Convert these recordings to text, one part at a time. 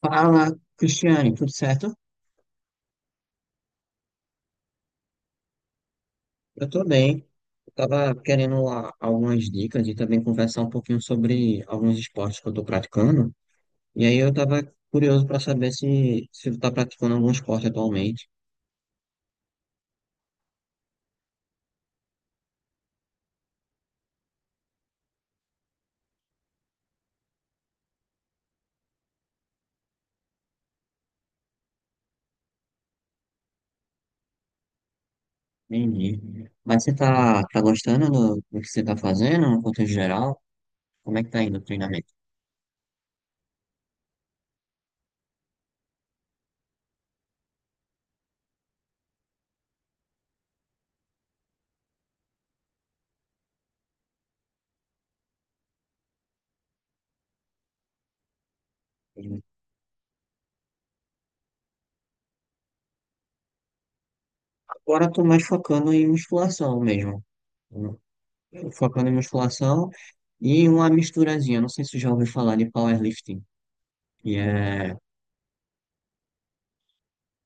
Fala, Cristiane, tudo certo? Eu tô bem. Eu tava querendo algumas dicas e também conversar um pouquinho sobre alguns esportes que eu tô praticando. E aí eu tava curioso para saber se tu tá praticando algum esporte atualmente. Entendi. Mas você tá gostando do que você tá fazendo no contexto geral? Como é que tá indo o treinamento? Agora eu tô mais focando em musculação mesmo. Eu- Focando em musculação e uma misturazinha. Não sei se você já ouviu falar de powerlifting. Que é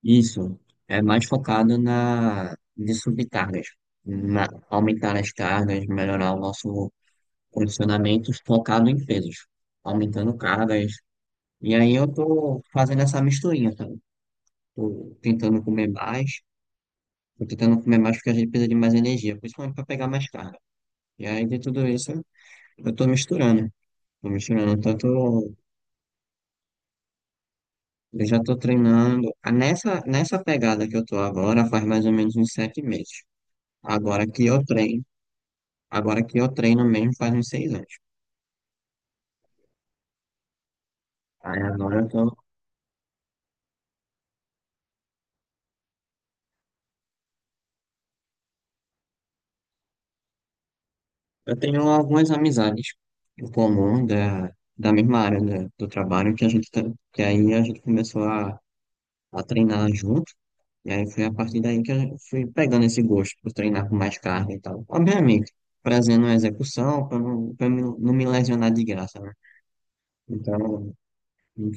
Isso é mais focado na de subir cargas, aumentar as cargas, melhorar o nosso condicionamento focado em pesos, aumentando cargas. E aí eu tô fazendo essa misturinha, tá? Tô tentando comer mais, tô tentando comer mais porque a gente precisa de mais energia, principalmente para pegar mais carga. E aí de tudo isso eu tô misturando tanto eu já tô treinando. Ah, nessa pegada que eu tô agora faz mais ou menos uns 7 meses. Agora que eu treino Agora que eu treino mesmo faz uns 6 anos. Aí agora eu tenho algumas amizades em comum da mesma área do trabalho que aí a gente começou a treinar junto. E aí foi a partir daí que eu fui pegando esse gosto por treinar com mais carga e tal. Obviamente, trazendo a execução para não, pra não não me lesionar de graça, né? Então,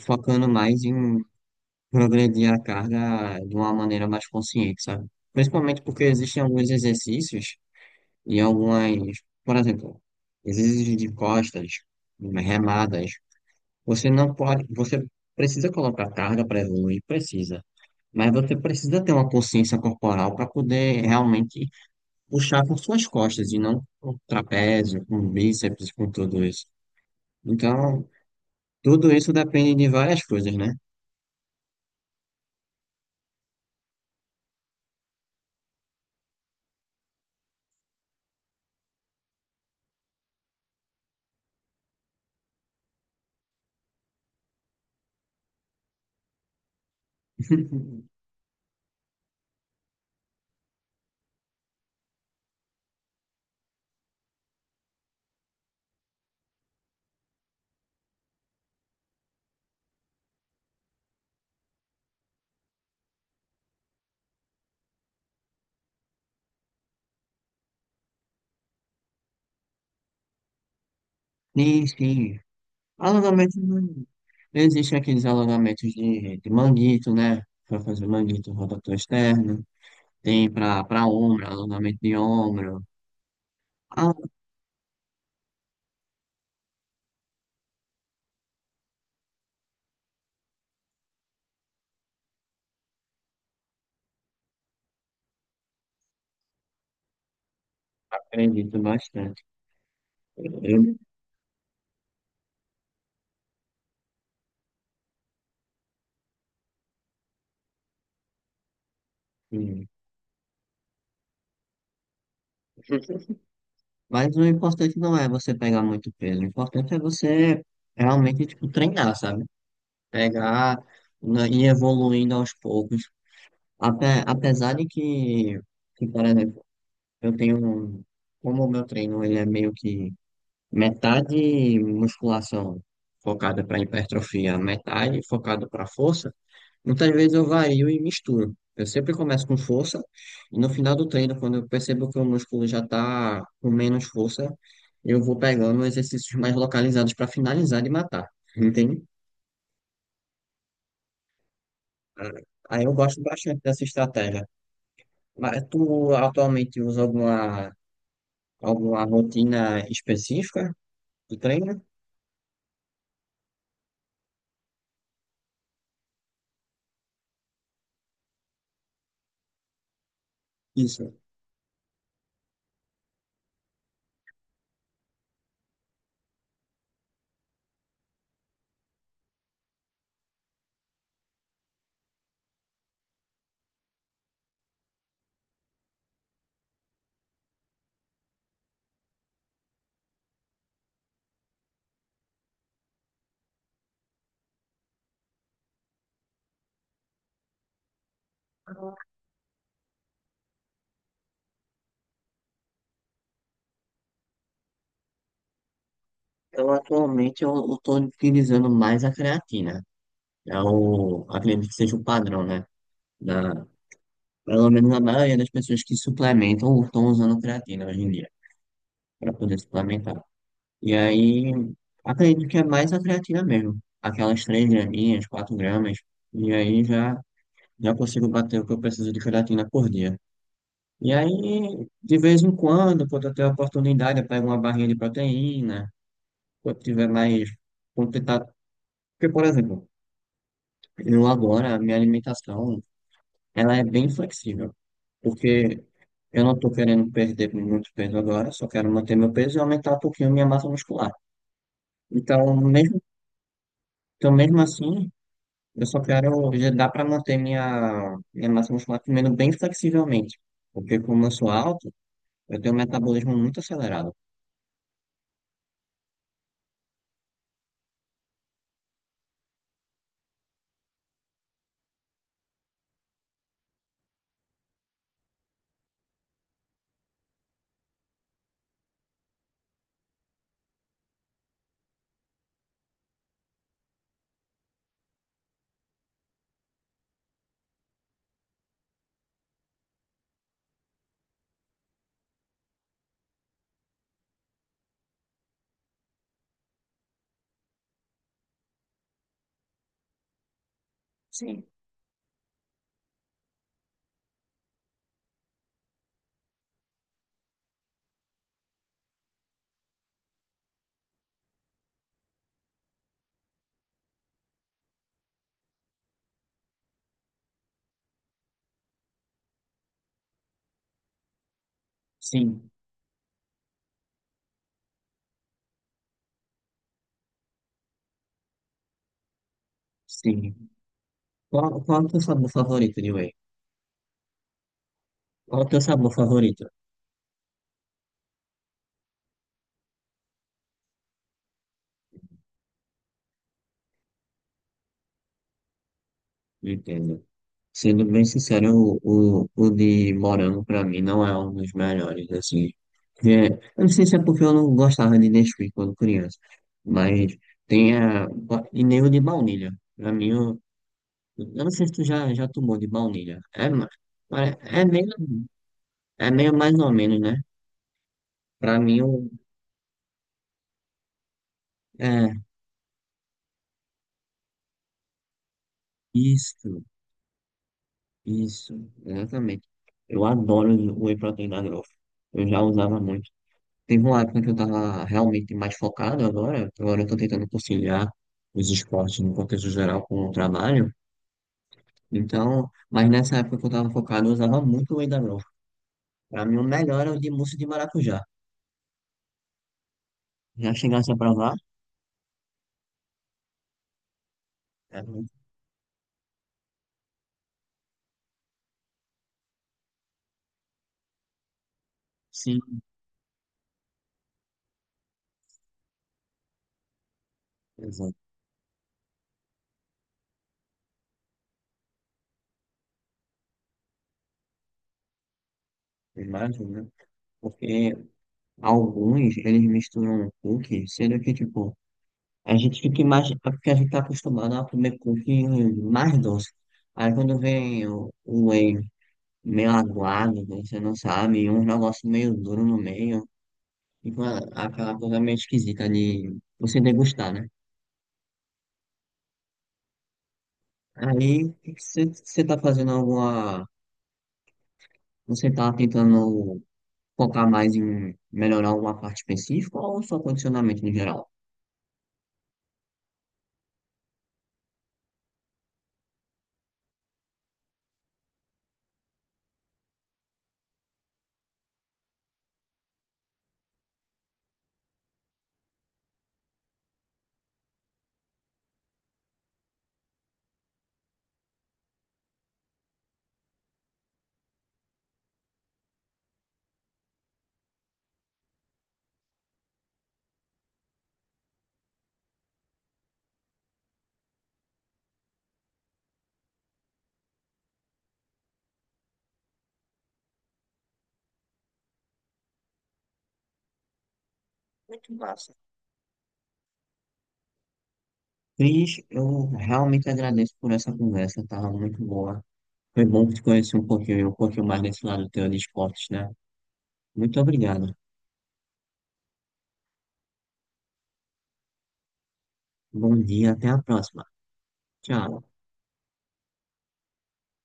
focando mais em progredir a carga de uma maneira mais consciente, sabe? Principalmente porque existem alguns exercícios e algumas, por exemplo, exercícios de costas, remadas, você não pode, você precisa colocar carga para evoluir, precisa. Mas você precisa ter uma consciência corporal para poder realmente puxar com suas costas e não com trapézio, com bíceps, com tudo isso. Então, tudo isso depende de várias coisas, né? Sim, sim. Alongamento não. Existem aqueles alongamentos de manguito, né? Para fazer manguito rotator externo. Tem para ombro, alongamento de ombro. Ah, acredito bastante. Eu, sim. Mas o importante não é você pegar muito peso, o importante é você realmente, tipo, treinar, sabe? Pegar né, e ir evoluindo aos poucos. Apesar de que, por exemplo, eu tenho, um- como o meu treino ele é meio que metade musculação focada para hipertrofia, metade focada para força, muitas vezes eu vario e misturo. Eu sempre começo com força e no final do treino, quando eu percebo que o músculo já está com menos força, eu vou pegando exercícios mais localizados para finalizar e matar. Entende? Ah, aí eu gosto bastante dessa estratégia. Mas tu atualmente usa alguma rotina específica do treino? Isso. Eu atualmente eu estou utilizando mais a creatina. É o, acredito que seja o padrão, né? da Pelo menos a maioria das pessoas que suplementam ou estão usando creatina hoje em dia, para poder suplementar. E aí, acredito que é mais a creatina mesmo. Aquelas 3 graminhas, 4 gramas. E aí já, já consigo bater o que eu preciso de creatina por dia. E aí, de vez em quando, quando eu tenho a oportunidade, eu pego uma barrinha de proteína. Quando tiver mais. Quando tentar... Porque, por exemplo, eu agora, a minha alimentação, ela é bem flexível. Porque eu não estou querendo perder muito peso agora, só quero manter meu peso e aumentar um pouquinho minha massa muscular. Então, mesmo, então mesmo assim, eu só quero, já dá para manter minha massa muscular comendo bem flexivelmente. Porque como eu sou alto, eu tenho um metabolismo muito acelerado. Sim, sim, sim. Qual é o teu sabor favorito de whey? Qual é o teu sabor favorito? Entendo. Sendo bem sincero, o de morango pra mim não é um dos melhores, assim. É, eu não sei se é porque eu não gostava de Nesquik quando criança, mas tem a, e nem o de baunilha. Pra mim, eu não sei se tu já tomou de baunilha. É meio mais ou menos, né? Pra mim, é, isso, isso, exatamente. Eu adoro o whey protein da Growth. Eu já usava muito. Teve uma época que eu tava realmente mais focado agora, agora eu tô tentando conciliar os esportes no contexto geral com o trabalho, então, mas nessa época que eu tava focado, eu usava muito o whey da Growth. Pra mim, o melhor era o de mousse de maracujá. Já chegasse a provar? É muito- Sim, exato. Imagina, né? Porque alguns, eles misturam cookie, sendo que, tipo, a gente fica mais, é porque a gente tá acostumado a comer cookie mais doce. Aí quando vem o whey meio aguado, que você não sabe, e um negócio meio duro no meio, e aquela coisa meio esquisita de você degustar, né? Aí, se você tá fazendo alguma. Você tá tentando focar mais em melhorar alguma parte específica ou só condicionamento no geral? Muito massa. Cris, eu realmente agradeço por essa conversa, tava muito boa. Foi bom te conhecer um pouquinho mais desse lado teu de esportes, né? Muito obrigado. Bom dia, até a próxima. Tchau.